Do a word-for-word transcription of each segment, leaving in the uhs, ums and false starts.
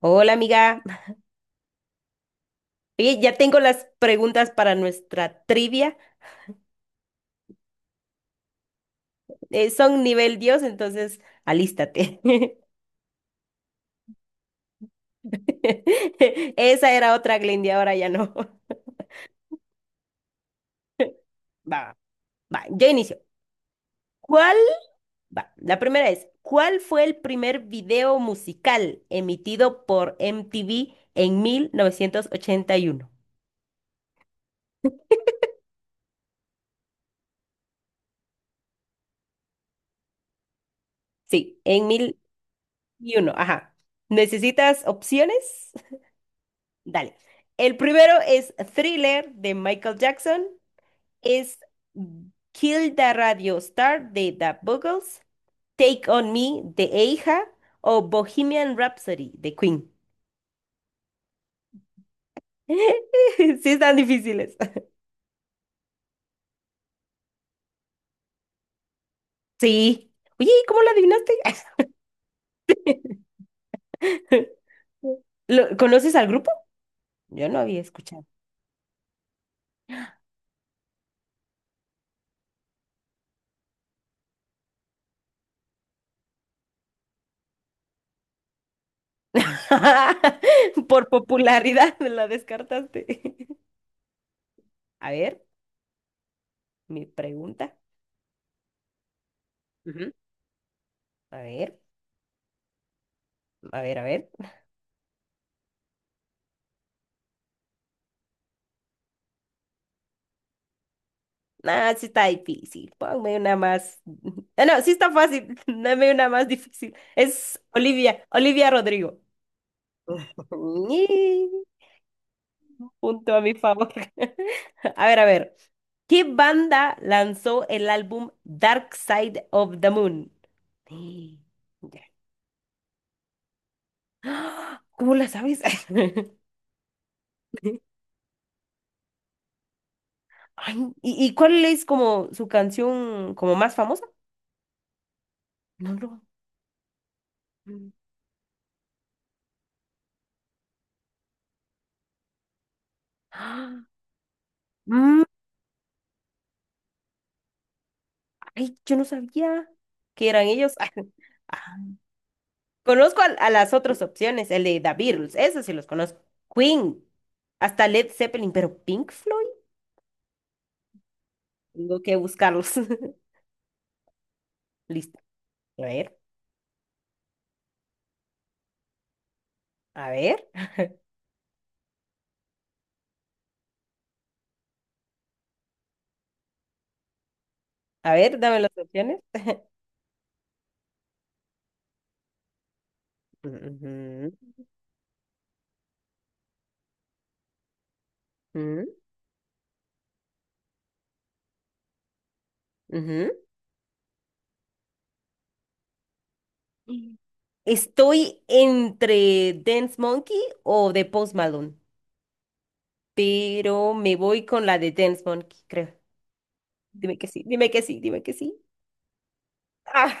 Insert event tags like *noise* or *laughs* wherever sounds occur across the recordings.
Hola amiga, oye, ya tengo las preguntas para nuestra trivia. Eh, son nivel Dios, entonces alístate. *laughs* Esa era otra Glendy, ahora ya no. *laughs* Va, va, yo inicio. ¿Cuál? Va, la primera es, ¿cuál fue el primer video musical emitido por M T V en mil novecientos ochenta y uno? Sí, en mil y uno. Ajá. ¿Necesitas opciones? *laughs* Dale. El primero es Thriller de Michael Jackson. es Kill the Radio Star de The Buggles, Take on Me de Eija o Bohemian Rhapsody de Queen. *laughs* Sí, están difíciles. Sí. Oye, ¿y cómo lo adivinaste? *laughs* ¿Lo- ¿conoces al grupo? Yo no había escuchado. *laughs* Por popularidad la descartaste. *laughs* A ver, mi pregunta. Ujú. A ver, a ver, a ver. Ah, sí está difícil. Ponme una más. *laughs* Ah, no, sí está fácil. *laughs* Dame una más difícil. Es Olivia, Olivia Rodrigo. *laughs* Ñi, punto a mi favor. *laughs* A ver, a ver. ¿Qué banda lanzó el álbum Dark Side of the Moon? *gasps* Sí, ya. ¡Ah! ¿Cómo la sabes? *laughs* Ay, ¿y, y cuál es como su canción como más famosa? No, no. Mm. *gasps* Ah, mm, ay, yo no sabía. Que eran ellos. *laughs* Ah, conozco a, a las otras opciones, el de The Beatles, eso sí los conozco. Queen, hasta Led Zeppelin, pero Pink Floyd, tengo que buscarlos. *laughs* Listo. A ver, a ver, a ver, dame las opciones. *laughs* Ujú, ujú, ujú. Estoy entre Dance Monkey o The Post Malone, pero me voy con la de Dance Monkey, creo. Dime que sí, dime que sí, dime que sí. Ah,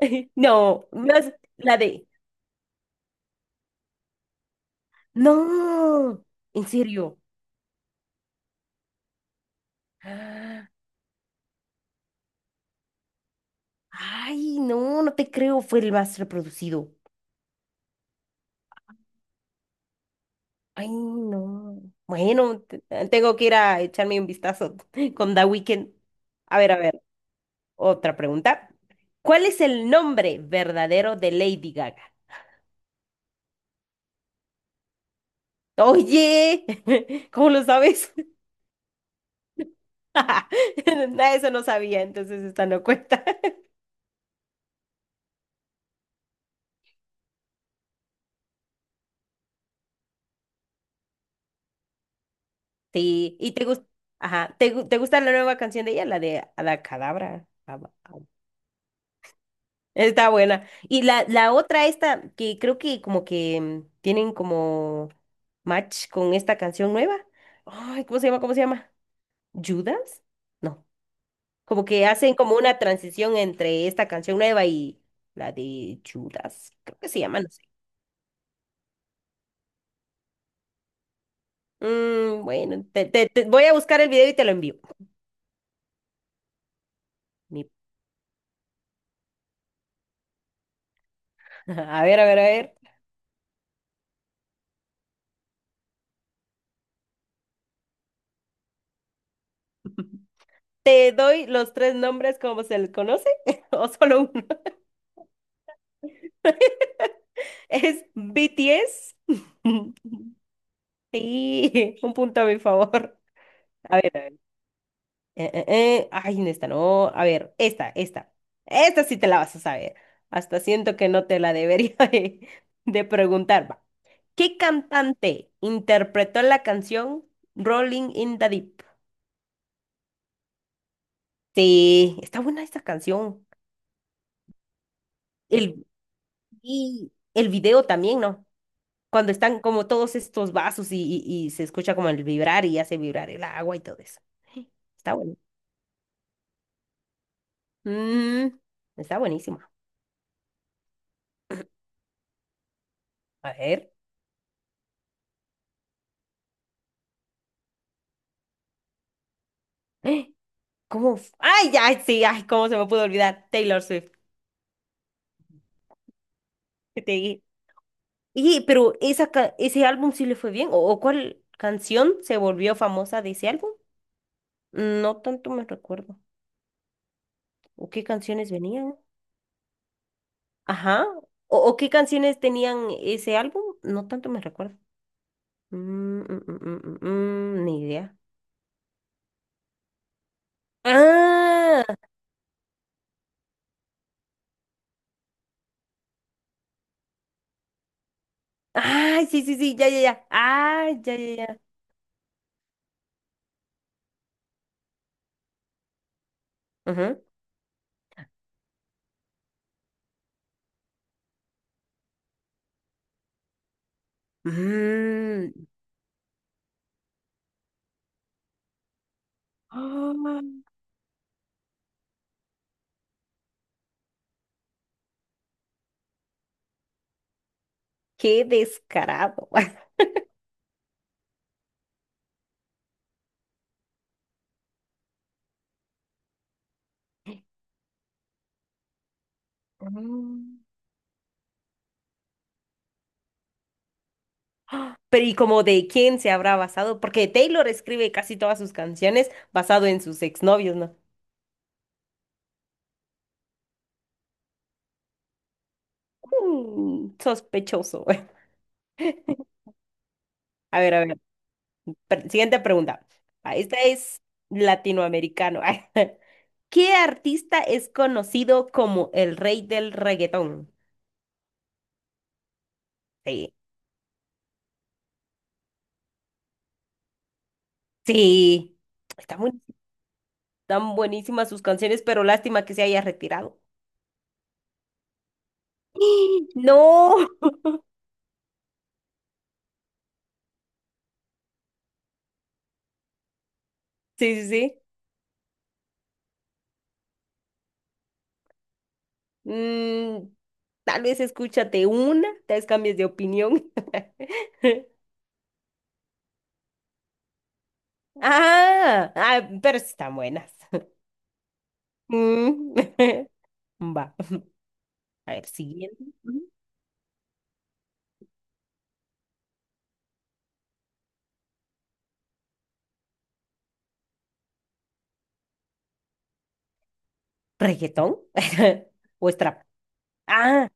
*laughs* no, no la de No, en serio. Ah, ay, no, no te creo, fue el más reproducido. Ay, no. Bueno, te- eh, tengo que ir a echarme un vistazo *laughs* con The Weeknd. A ver, a ver, otra pregunta. ¿Cuál es el nombre verdadero de Lady Gaga? Oye, *laughs* ¿cómo lo sabes? *laughs* Nada, eso no sabía, entonces esta no cuenta. *laughs* Sí, ¿y te gusta? Ajá, ¿te, gu- te gusta la nueva canción de ella, la de Abacadabra? Está buena. Y la, la otra, esta, que creo que como que mm, tienen como match con esta canción nueva. Ay, ¿cómo se llama? ¿Cómo se llama? ¿Judas? No. Como que hacen como una transición entre esta canción nueva y la de Judas. Creo que se llama, no sé. Mm, bueno, te, te- te- voy a buscar el video y te lo envío. Ni- *laughs* A ver, a ver, a ver. *laughs* ¿Te doy los tres nombres como se les conoce? *laughs* ¿O solo uno? *laughs* Es B T S. *laughs* Sí, *laughs* un punto a mi favor. A ver, a ver. Eh, eh, eh, Ay, en esta no. A ver, esta, esta. Esta sí te la vas a saber. Hasta siento que no te la debería *laughs* de, de preguntar. Va. ¿Qué cantante interpretó la canción Rolling in the Deep? Sí, está buena esta canción. El, y el video también, ¿no? Cuando están como todos estos vasos y, y- y se escucha como el vibrar y hace vibrar el agua y todo eso. Está bueno. Mm, Está buenísimo. A ver. *gasps* ¡Ah! ¿Cómo? f- Ay, ya, sí, ay, cómo se me pudo olvidar. Taylor Swift. Que te dije. Y, pero esa, ca- ese álbum sí le fue bien. ¿O, o cuál canción se volvió famosa de ese álbum? No tanto me recuerdo. ¿O qué canciones venían? Ajá. ¿O, o qué canciones tenían ese álbum? No tanto me recuerdo. Mm, mm, mm, mm, mm, mm, mm, ni idea. Ah, ay, sí, sí, sí, ya, ya, ya. Ay, ya, ya, ya. Ajá. Mm. *gasps* Ah, qué descarado. *laughs* Mm. Pero ¿y como de quién se habrá basado? Porque Taylor escribe casi todas sus canciones basado en sus exnovios, ¿no? Mm, sospechoso. *laughs* A ver, a ver. Per- siguiente pregunta. Ah, esta es latinoamericano. *laughs* ¿Qué artista es conocido como el rey del reggaetón? Sí. Sí. Están, buen- están buenísimas sus canciones, pero lástima que se haya retirado. *gasps* No. Sí, sí, sí. Mm, Tal vez escúchate una, tal vez cambies de opinión. *laughs* Ah, ah, pero sí están buenas. Mm. *laughs* Va, a ver, siguiente. Ujú. ¿Reggaetón? *laughs* ¿O es trap? Ah,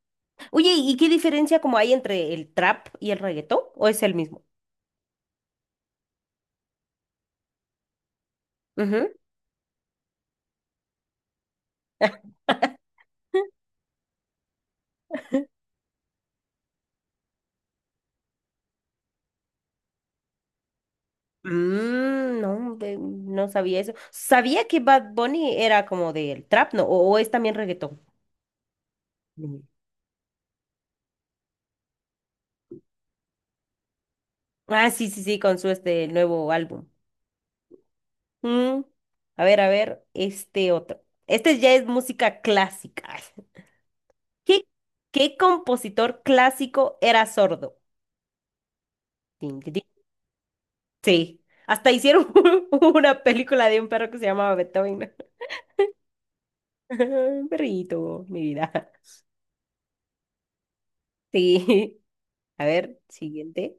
oye, ¿y qué diferencia como hay entre el trap y el reggaetón? ¿O es el mismo? Ujú. *laughs* Mm, no, ve- no sabía eso. Sabía que Bad Bunny era como del trap, ¿no? ¿O, o es también reggaetón? Mm. Ah, sí, sí, sí, con su este nuevo álbum. Mm, a ver, a ver, este otro. Este ya es música clásica. *laughs* ¿Qué, qué compositor clásico era sordo? Tin, tin, tin. Sí, hasta hicieron *laughs* una película de un perro que se llamaba Beethoven. *laughs* Un perrito, mi vida. *laughs* Sí, a ver, siguiente.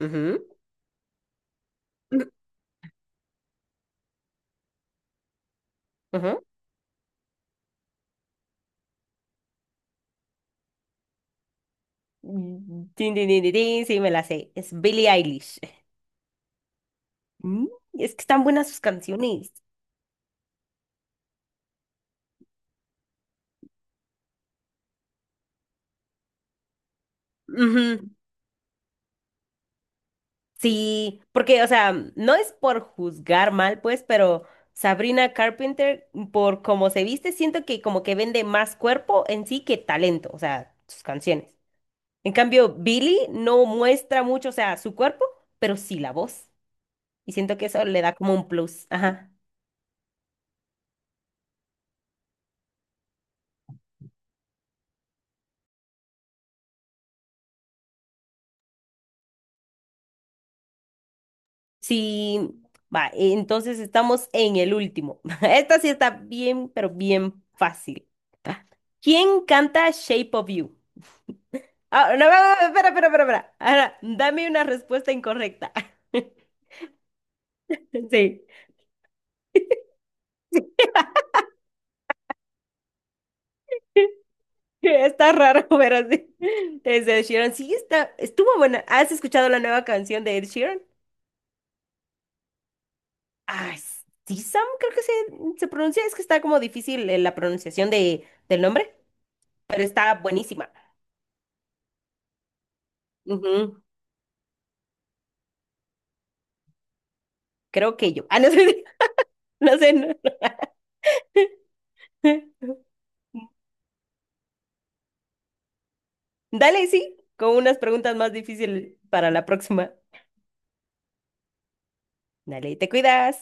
Ujú, *laughs* ujú. Mm, tin, tin, tin, tin, tin, sí, me la sé. Es Billie Eilish. Mm, Es que están buenas sus canciones. Sí, porque, o sea, no es por juzgar mal, pues, pero Sabrina Carpenter, por cómo se viste, siento que como que vende más cuerpo en sí que talento, o sea, sus canciones. En cambio, Billie no muestra mucho, o sea, su cuerpo, pero sí la voz. Y siento que eso le da como un plus. Ajá. Sí, va, entonces estamos en el último. *laughs* Esta sí está bien, pero bien fácil. ¿Quién canta Shape of You? Ah, no, no, no, espera, espera, espera, espera. Ahora, dame una respuesta incorrecta. *laughs* Sí, *laughs* está raro, pero sí. Es de Ed Sheeran. Sí, está, estuvo buena. ¿Has escuchado la nueva canción de Ed Sheeran? Ah, sí, Sam, creo que se, se pronuncia. Es que está como difícil eh, la pronunciación de, del nombre, pero está buenísima. Ujú, creo que yo. Ah, no sé, *laughs* no sé. No. *laughs* Dale, sí, con unas preguntas más difíciles para la próxima. Dale, te cuidas.